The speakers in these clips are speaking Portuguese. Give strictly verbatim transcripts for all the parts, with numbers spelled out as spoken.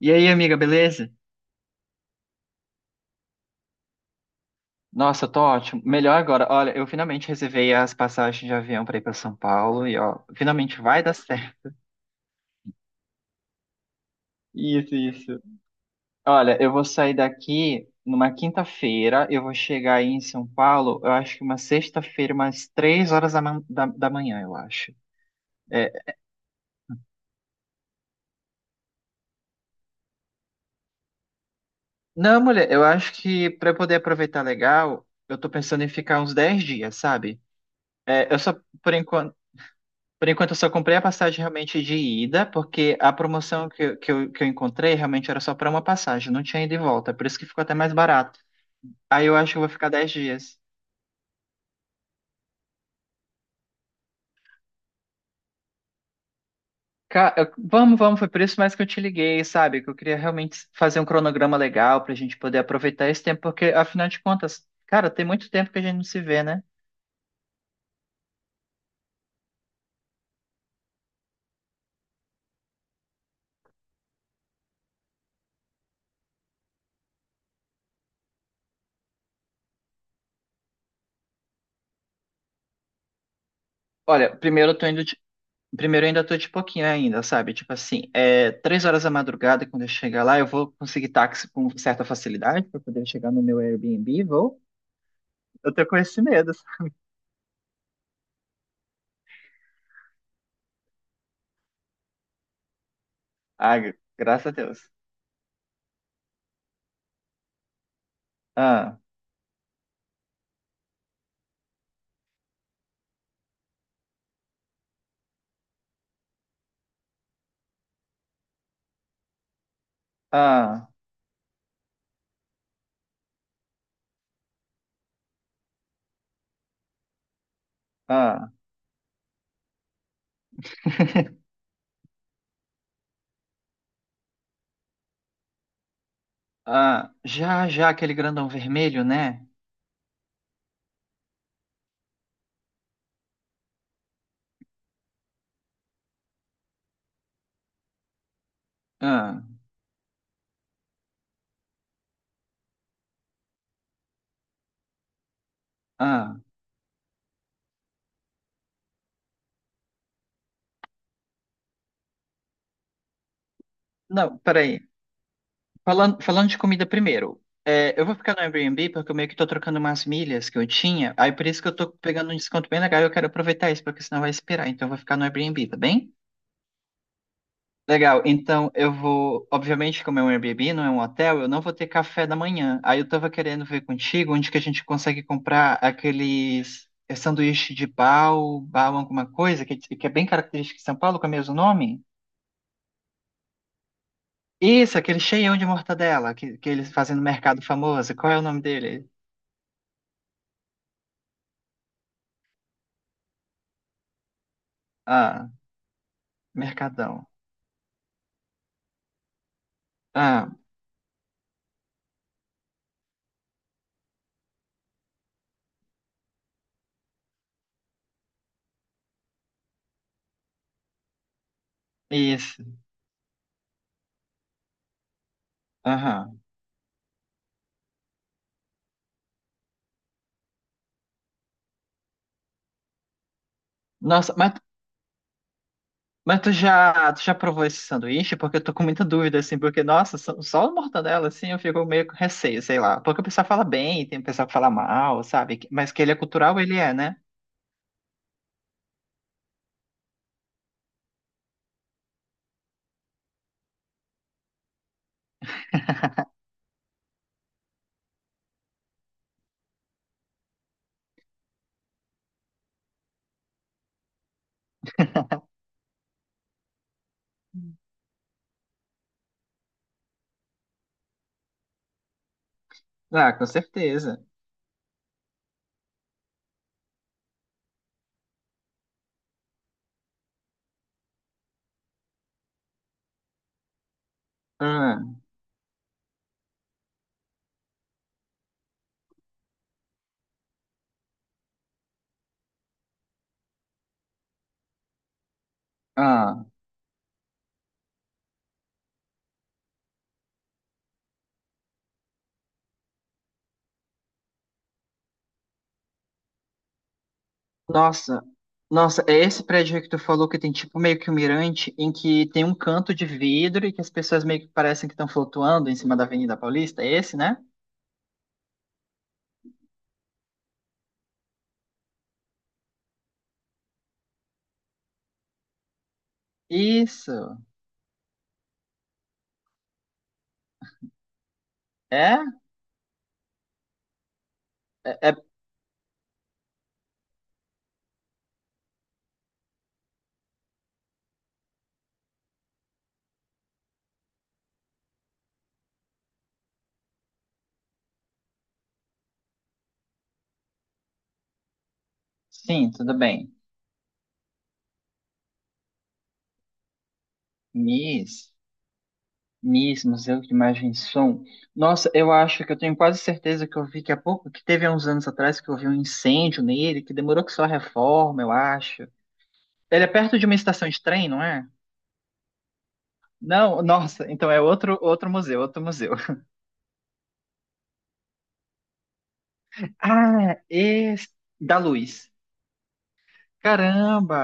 E aí, amiga, beleza? Nossa, eu tô ótimo. Melhor agora. Olha, eu finalmente reservei as passagens de avião pra ir pra São Paulo e ó, finalmente vai dar certo. Isso, isso. Olha, eu vou sair daqui numa quinta-feira, eu vou chegar aí em São Paulo, eu acho que uma sexta-feira, umas três horas da, man- da, da manhã, eu acho. É. Não, mulher, eu acho que pra eu poder aproveitar legal, eu tô pensando em ficar uns dez dias, sabe? É, eu só, por enquanto. Por enquanto, eu só comprei a passagem realmente de ida, porque a promoção que, eu- que, eu, que eu encontrei realmente era só para uma passagem, não tinha ida e volta, por isso que ficou até mais barato. Aí eu acho que eu vou ficar dez dias. Ca- eu- vamos, vamos, foi por isso mais que eu te liguei, sabe? Que eu queria realmente fazer um cronograma legal para a gente poder aproveitar esse tempo, porque afinal de contas, cara, tem muito tempo que a gente não se vê, né? Olha, primeiro eu tô indo, Primeiro, eu ainda tô de pouquinho ainda, sabe? Tipo assim, é, três horas da madrugada, quando eu chegar lá, eu vou conseguir táxi com certa facilidade para poder chegar no meu Airbnb, vou. Eu tô com esse medo. Ah, gra- graças a Deus. Ah, ah, ah, ah. Já, já, aquele grandão vermelho, né? Ah, ah. Não, peraí. Falando, falando de comida primeiro, é, eu vou ficar no Airbnb porque eu meio que tô trocando umas milhas que eu tinha, aí por isso que eu tô pegando um desconto bem legal e eu quero aproveitar isso, porque senão vai esperar, então eu vou ficar no Airbnb, tá bem? Legal, então eu vou, obviamente, como é um Airbnb, não é um hotel, eu não vou ter café da manhã. Aí eu tava querendo ver contigo onde que a gente consegue comprar aqueles é, sanduíche de pau, pau alguma coisa, que, que é bem característico de São Paulo, com é o mesmo nome? Isso, aquele cheião de mortadela que, que eles fazem no mercado famoso. Qual é o nome dele? Ah, Mercadão. Ah, isso. Aham. Nossa, mas, mas tu já, tu já provou esse sanduíche? Porque eu tô com muita dúvida, assim, porque, nossa, só, só o mortadela, assim, eu fico meio com receio, sei lá. Porque o pessoal fala bem, tem o pessoal que fala mal, sabe? Mas que ele é cultural, ele é, né? Ah, com certeza. Ah, ah. Nossa, nossa, é esse prédio aí que tu falou que tem tipo meio que um mirante em que tem um canto de vidro e que as pessoas meio que parecem que estão flutuando em cima da Avenida Paulista? É esse, né? Isso. É? É, é- sim, tudo bem. Miss, Miss, Museu de Imagem e Som. Nossa, eu acho que eu tenho quase certeza que eu vi que há pouco, que teve há uns anos atrás, que eu vi um incêndio nele, que demorou que só a reforma, eu acho. Ele é perto de uma estação de trem, não é? Não, nossa, então é outro, outro museu, outro museu. Ah, esse da Luz. Caramba!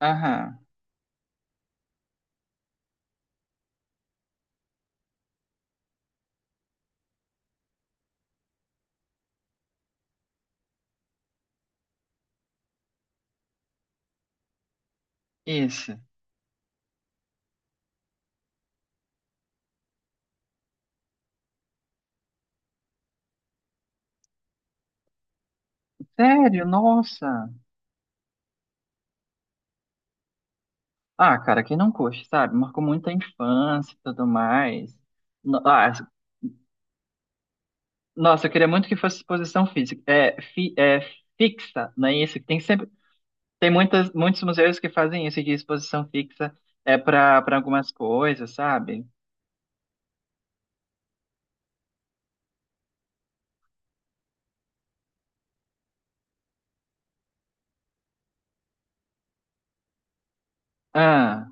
Aham, esse. Sério, nossa. Ah, cara, quem não curte, sabe? Marcou muito a infância e tudo mais. No- Ah, nossa, eu queria muito que fosse exposição física, é, fi, é fixa, não é isso? Tem sempre, tem muitas, muitos museus que fazem isso de exposição fixa é para para algumas coisas, sabe? Ah,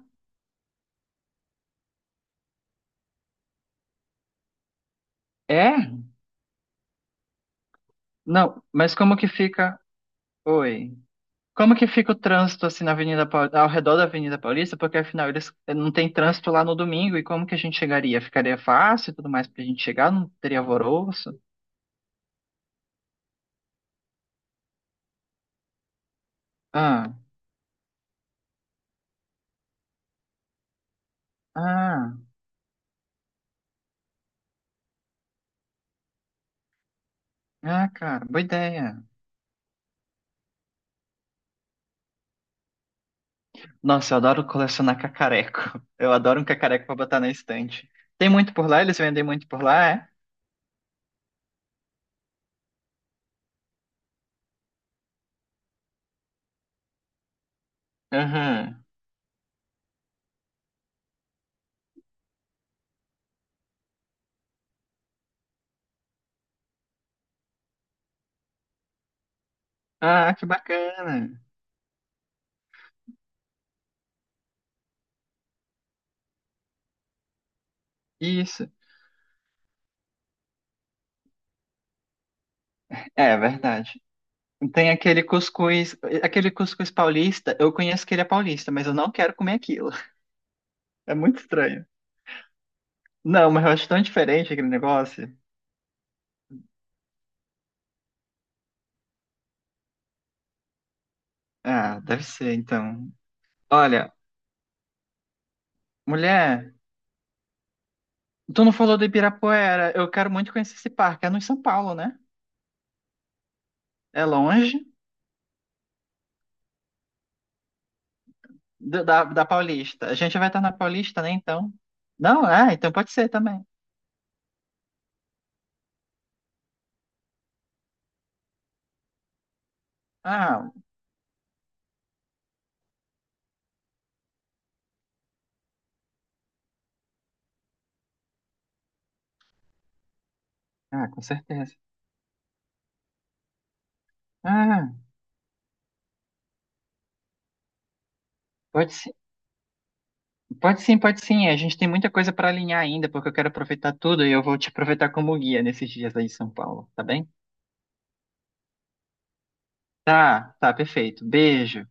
é? Não, mas como que fica? Oi. Como que fica o trânsito assim na Avenida Paul- ao redor da Avenida Paulista? Porque afinal eles eh, não tem trânsito lá no domingo e como que a gente chegaria? Ficaria fácil e tudo mais pra gente chegar? Não teria alvoroço? Ah, ah, ah, cara, boa ideia. Nossa, eu adoro colecionar cacareco. Eu adoro um cacareco pra botar na estante. Tem muito por lá? Eles vendem muito por lá, é? Aham. Ah, que bacana. Isso. É, é verdade. Tem aquele cuscuz, aquele cuscuz paulista. Eu conheço que ele é paulista, mas eu não quero comer aquilo. É muito estranho. Não, mas eu acho tão diferente aquele negócio. Ah, deve ser, então. Olha, mulher, tu não falou do Ibirapuera. Eu quero muito conhecer esse parque. É no São Paulo, né? É longe? do- da, da Paulista. A gente vai estar na Paulista, né? Então. Não, ah, então pode ser também. Ah, ah, com certeza. Ah, pode sim, pode sim, pode sim. A gente tem muita coisa para alinhar ainda, porque eu quero aproveitar tudo e eu vou te aproveitar como guia nesses dias aí em São Paulo, tá bem? Tá, tá, perfeito. Beijo.